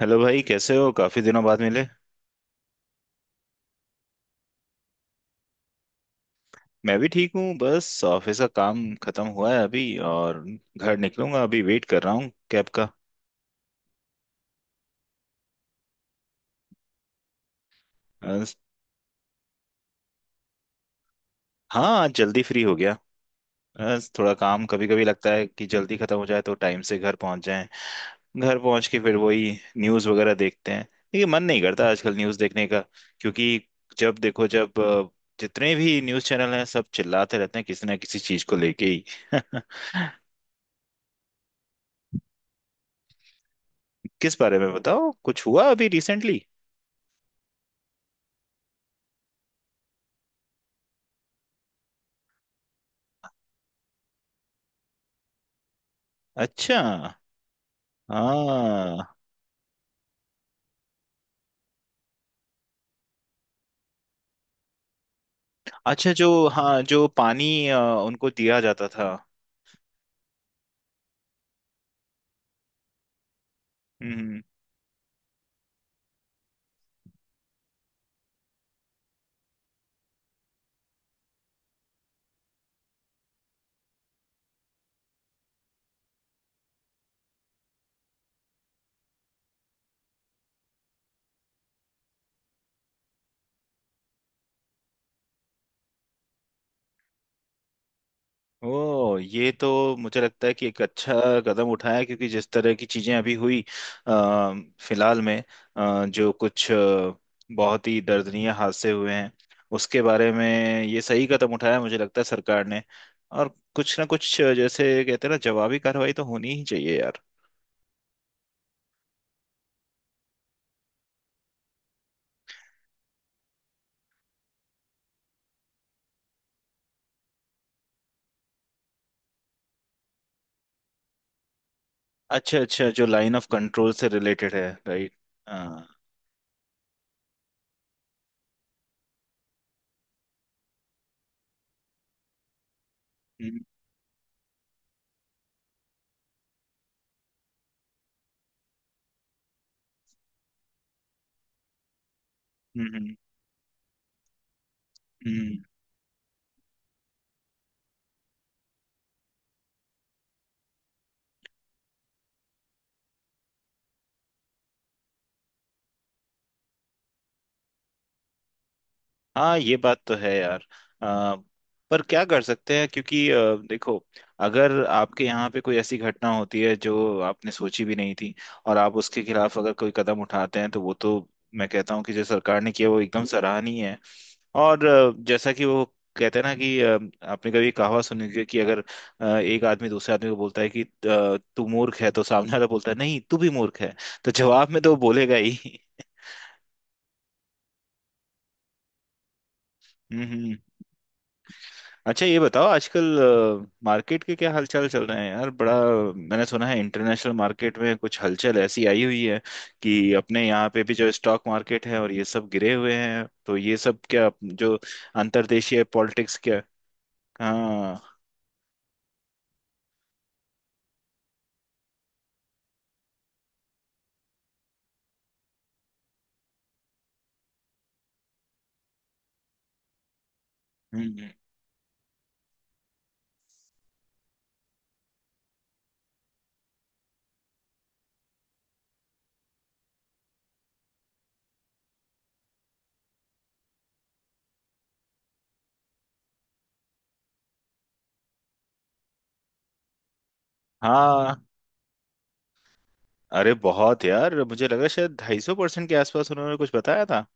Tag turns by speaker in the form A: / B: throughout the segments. A: Hello भाई, कैसे हो? काफी दिनों बाद मिले। मैं भी ठीक हूँ। बस ऑफिस का काम खत्म हुआ है अभी, और घर निकलूंगा। अभी वेट कर रहा हूँ कैब का। अ, हाँ, आज जल्दी फ्री हो गया। थोड़ा काम, कभी कभी लगता है कि जल्दी खत्म हो जाए तो टाइम से घर पहुंच जाएं। घर पहुंच के फिर वही न्यूज़ वगैरह देखते हैं। लेकिन मन नहीं करता आजकल न्यूज़ देखने का। क्योंकि जब देखो, जब जितने भी न्यूज़ चैनल हैं, सब चिल्लाते रहते हैं किसी ना किसी चीज को लेके ही। किस बारे में? बताओ, कुछ हुआ अभी रिसेंटली? अच्छा। हाँ। अच्छा, जो, हाँ, जो पानी उनको दिया जाता था। हम्म। ओ, ये तो मुझे लगता है कि एक अच्छा कदम उठाया है, क्योंकि जिस तरह की चीजें अभी हुई, अ, फिलहाल में, जो कुछ बहुत ही दर्दनीय हादसे हुए हैं उसके बारे में, ये सही कदम उठाया है, मुझे लगता है सरकार ने। और कुछ ना कुछ, जैसे कहते हैं ना, जवाबी कार्रवाई तो होनी ही चाहिए यार। अच्छा अच्छा, जो लाइन ऑफ कंट्रोल से रिलेटेड है। राइट। हाँ। हम्म। हम्म। हाँ, ये बात तो है यार। आ, पर क्या कर सकते हैं? क्योंकि देखो, अगर आपके यहाँ पे कोई ऐसी घटना होती है जो आपने सोची भी नहीं थी, और आप उसके खिलाफ अगर कोई कदम उठाते हैं, तो वो तो, मैं कहता हूँ कि जो सरकार ने किया वो एकदम सराहनीय है। और जैसा कि वो कहते हैं ना कि आपने कभी कहावत सुनी होगी कि अगर एक आदमी दूसरे आदमी को बोलता है कि तू मूर्ख है, तो सामने वाला बोलता है, नहीं तू भी मूर्ख है। तो जवाब में तो वो बोलेगा ही। हम्म हम्म। अच्छा, ये बताओ, आजकल मार्केट के क्या हालचाल चल रहे हैं यार? बड़ा, मैंने सुना है इंटरनेशनल मार्केट में कुछ हलचल ऐसी आई हुई है कि अपने यहाँ पे भी जो स्टॉक मार्केट है और ये सब गिरे हुए हैं। तो ये सब क्या, जो अंतर्देशीय पॉलिटिक्स, क्या? हाँ। हम्म। हाँ, अरे बहुत यार, मुझे लगा शायद 250% के आसपास उन्होंने कुछ बताया था।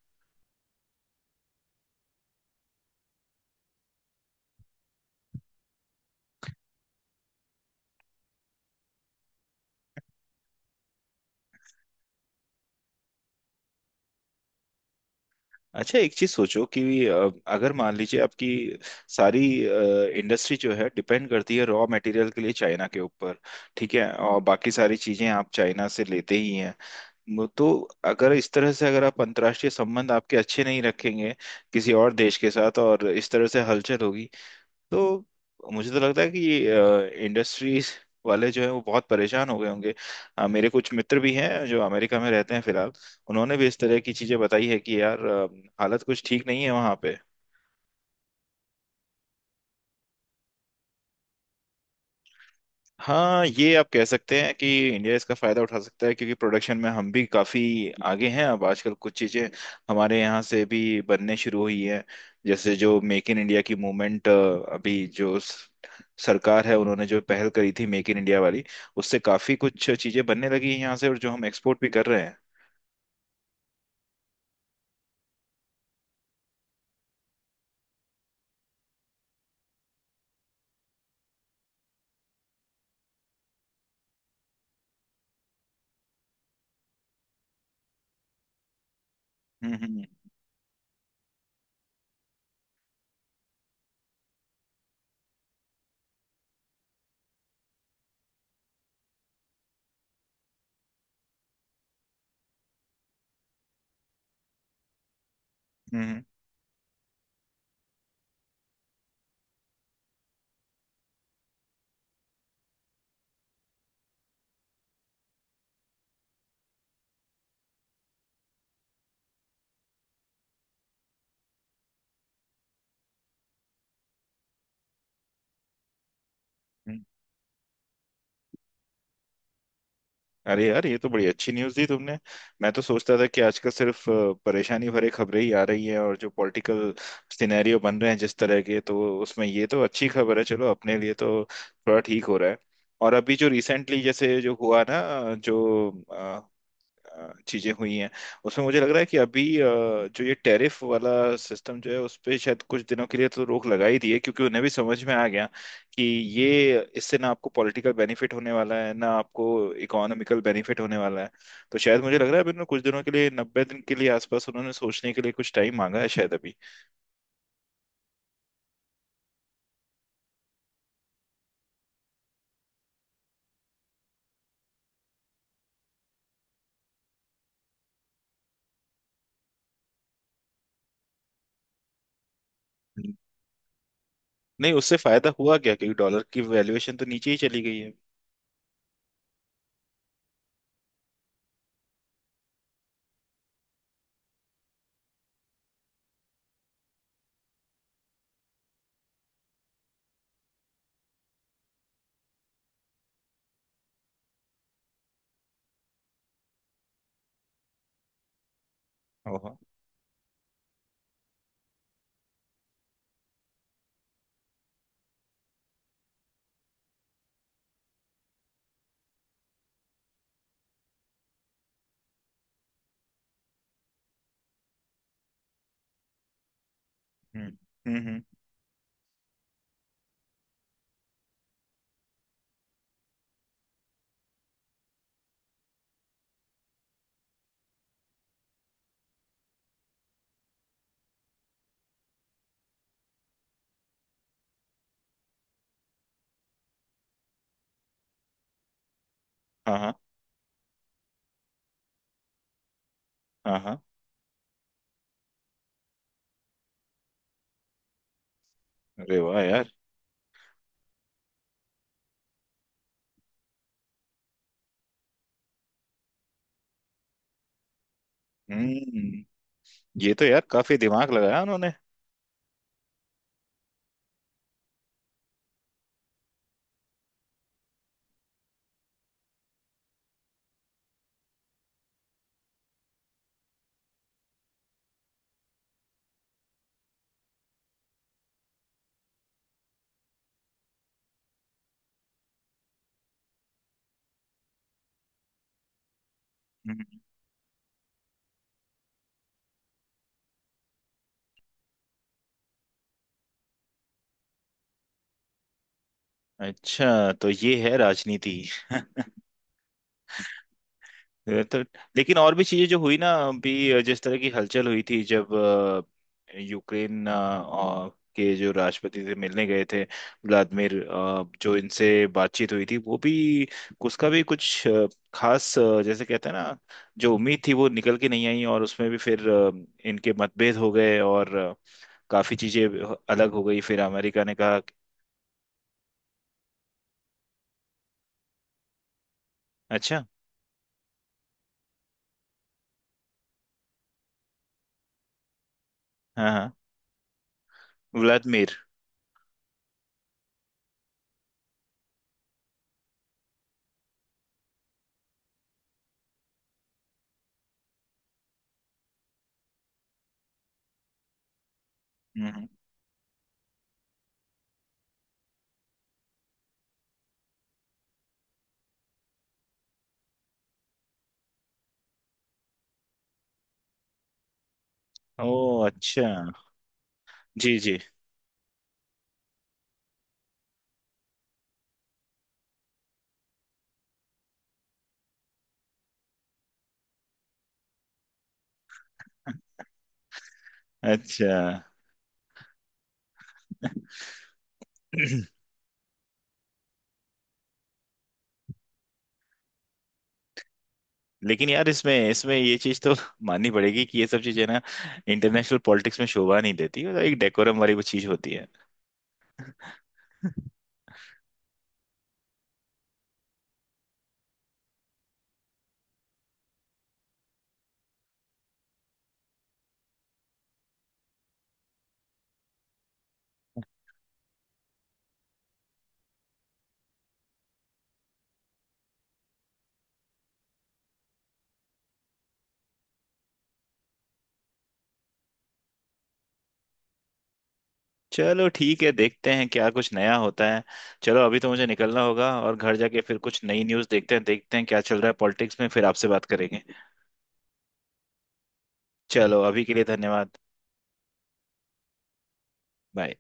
A: अच्छा, एक चीज सोचो कि अगर मान लीजिए आपकी सारी इंडस्ट्री जो है, डिपेंड करती है रॉ मटेरियल के लिए चाइना के ऊपर। ठीक है? और बाकी सारी चीजें आप चाइना से लेते ही हैं। तो अगर इस तरह से, अगर आप अंतर्राष्ट्रीय संबंध आपके अच्छे नहीं रखेंगे किसी और देश के साथ, और इस तरह से हलचल होगी, तो मुझे तो लगता है कि इंडस्ट्रीज वाले जो है, वो बहुत परेशान हो गए होंगे। मेरे कुछ मित्र भी हैं जो अमेरिका में रहते हैं फिलहाल। उन्होंने भी इस तरह की चीजें बताई है कि यार, हालत कुछ ठीक नहीं है वहाँ पे। हाँ, ये आप कह सकते हैं कि इंडिया इसका फायदा उठा सकता है, क्योंकि प्रोडक्शन में हम भी काफी आगे हैं। अब आजकल कुछ चीजें हमारे यहाँ से भी बनने शुरू हुई हैं। जैसे जो मेक इन इंडिया की मूवमेंट, अभी जो सरकार है, उन्होंने जो पहल करी थी मेक इन इंडिया वाली, उससे काफी कुछ चीजें बनने लगी हैं यहाँ से और जो हम एक्सपोर्ट भी कर रहे हैं। हम्म। हम्म हम्म। हम्म। अरे यार, ये तो बड़ी अच्छी न्यूज़ दी तुमने। मैं तो सोचता था कि आजकल सिर्फ परेशानी भरे खबरें ही आ रही है, और जो पॉलिटिकल सिनेरियो बन रहे हैं जिस तरह के, तो उसमें ये तो अच्छी खबर है। चलो, अपने लिए तो थोड़ा ठीक हो रहा है। और अभी जो रिसेंटली जैसे जो हुआ ना, जो चीजें हुई हैं, उसमें मुझे लग रहा है कि अभी जो ये टैरिफ वाला सिस्टम जो है, उस पे शायद कुछ दिनों के लिए तो रोक लगा ही दी है, क्योंकि उन्हें भी समझ में आ गया कि ये, इससे ना आपको पॉलिटिकल बेनिफिट होने वाला है ना आपको इकोनॉमिकल बेनिफिट होने वाला है। तो शायद मुझे लग रहा है, अभी उन्होंने कुछ दिनों के लिए, 90 दिन के लिए आसपास, उन्होंने सोचने के लिए कुछ टाइम मांगा है शायद अभी। हम्म। नहीं, उससे फायदा हुआ क्या? क्योंकि डॉलर की वैल्यूएशन तो नीचे ही चली गई है। ओहो। हम्म हम्म। हम्म। हाँ हाँ। हाँ हाँ। अरे वाह यार। हम्म। ये तो यार काफी दिमाग लगाया उन्होंने। हम्म। अच्छा, तो ये है राजनीति। ये तो, लेकिन और भी चीजें जो हुई ना, अभी जिस तरह की हलचल हुई थी, जब यूक्रेन और के जो राष्ट्रपति से मिलने गए थे, व्लादिमीर, जो इनसे बातचीत हुई थी वो भी, उसका भी कुछ खास, जैसे कहते हैं ना, जो उम्मीद थी वो निकल के नहीं आई, और उसमें भी फिर इनके मतभेद हो गए और काफी चीजें अलग हो गई। फिर अमेरिका ने कहा। अच्छा। हाँ हाँ, व्लादिमीर। हम्म। ओ, अच्छा। जी जी। अच्छा। लेकिन यार, इसमें इसमें ये चीज तो माननी पड़ेगी कि ये सब चीजें ना इंटरनेशनल पॉलिटिक्स में शोभा नहीं देती। मतलब एक डेकोरम वाली वो चीज होती है। चलो, ठीक है, देखते हैं क्या कुछ नया होता है। चलो अभी तो मुझे निकलना होगा, और घर जाके फिर कुछ नई न्यूज़ देखते हैं, देखते हैं क्या चल रहा है पॉलिटिक्स में, फिर आपसे बात करेंगे। चलो, अभी के लिए धन्यवाद। बाय।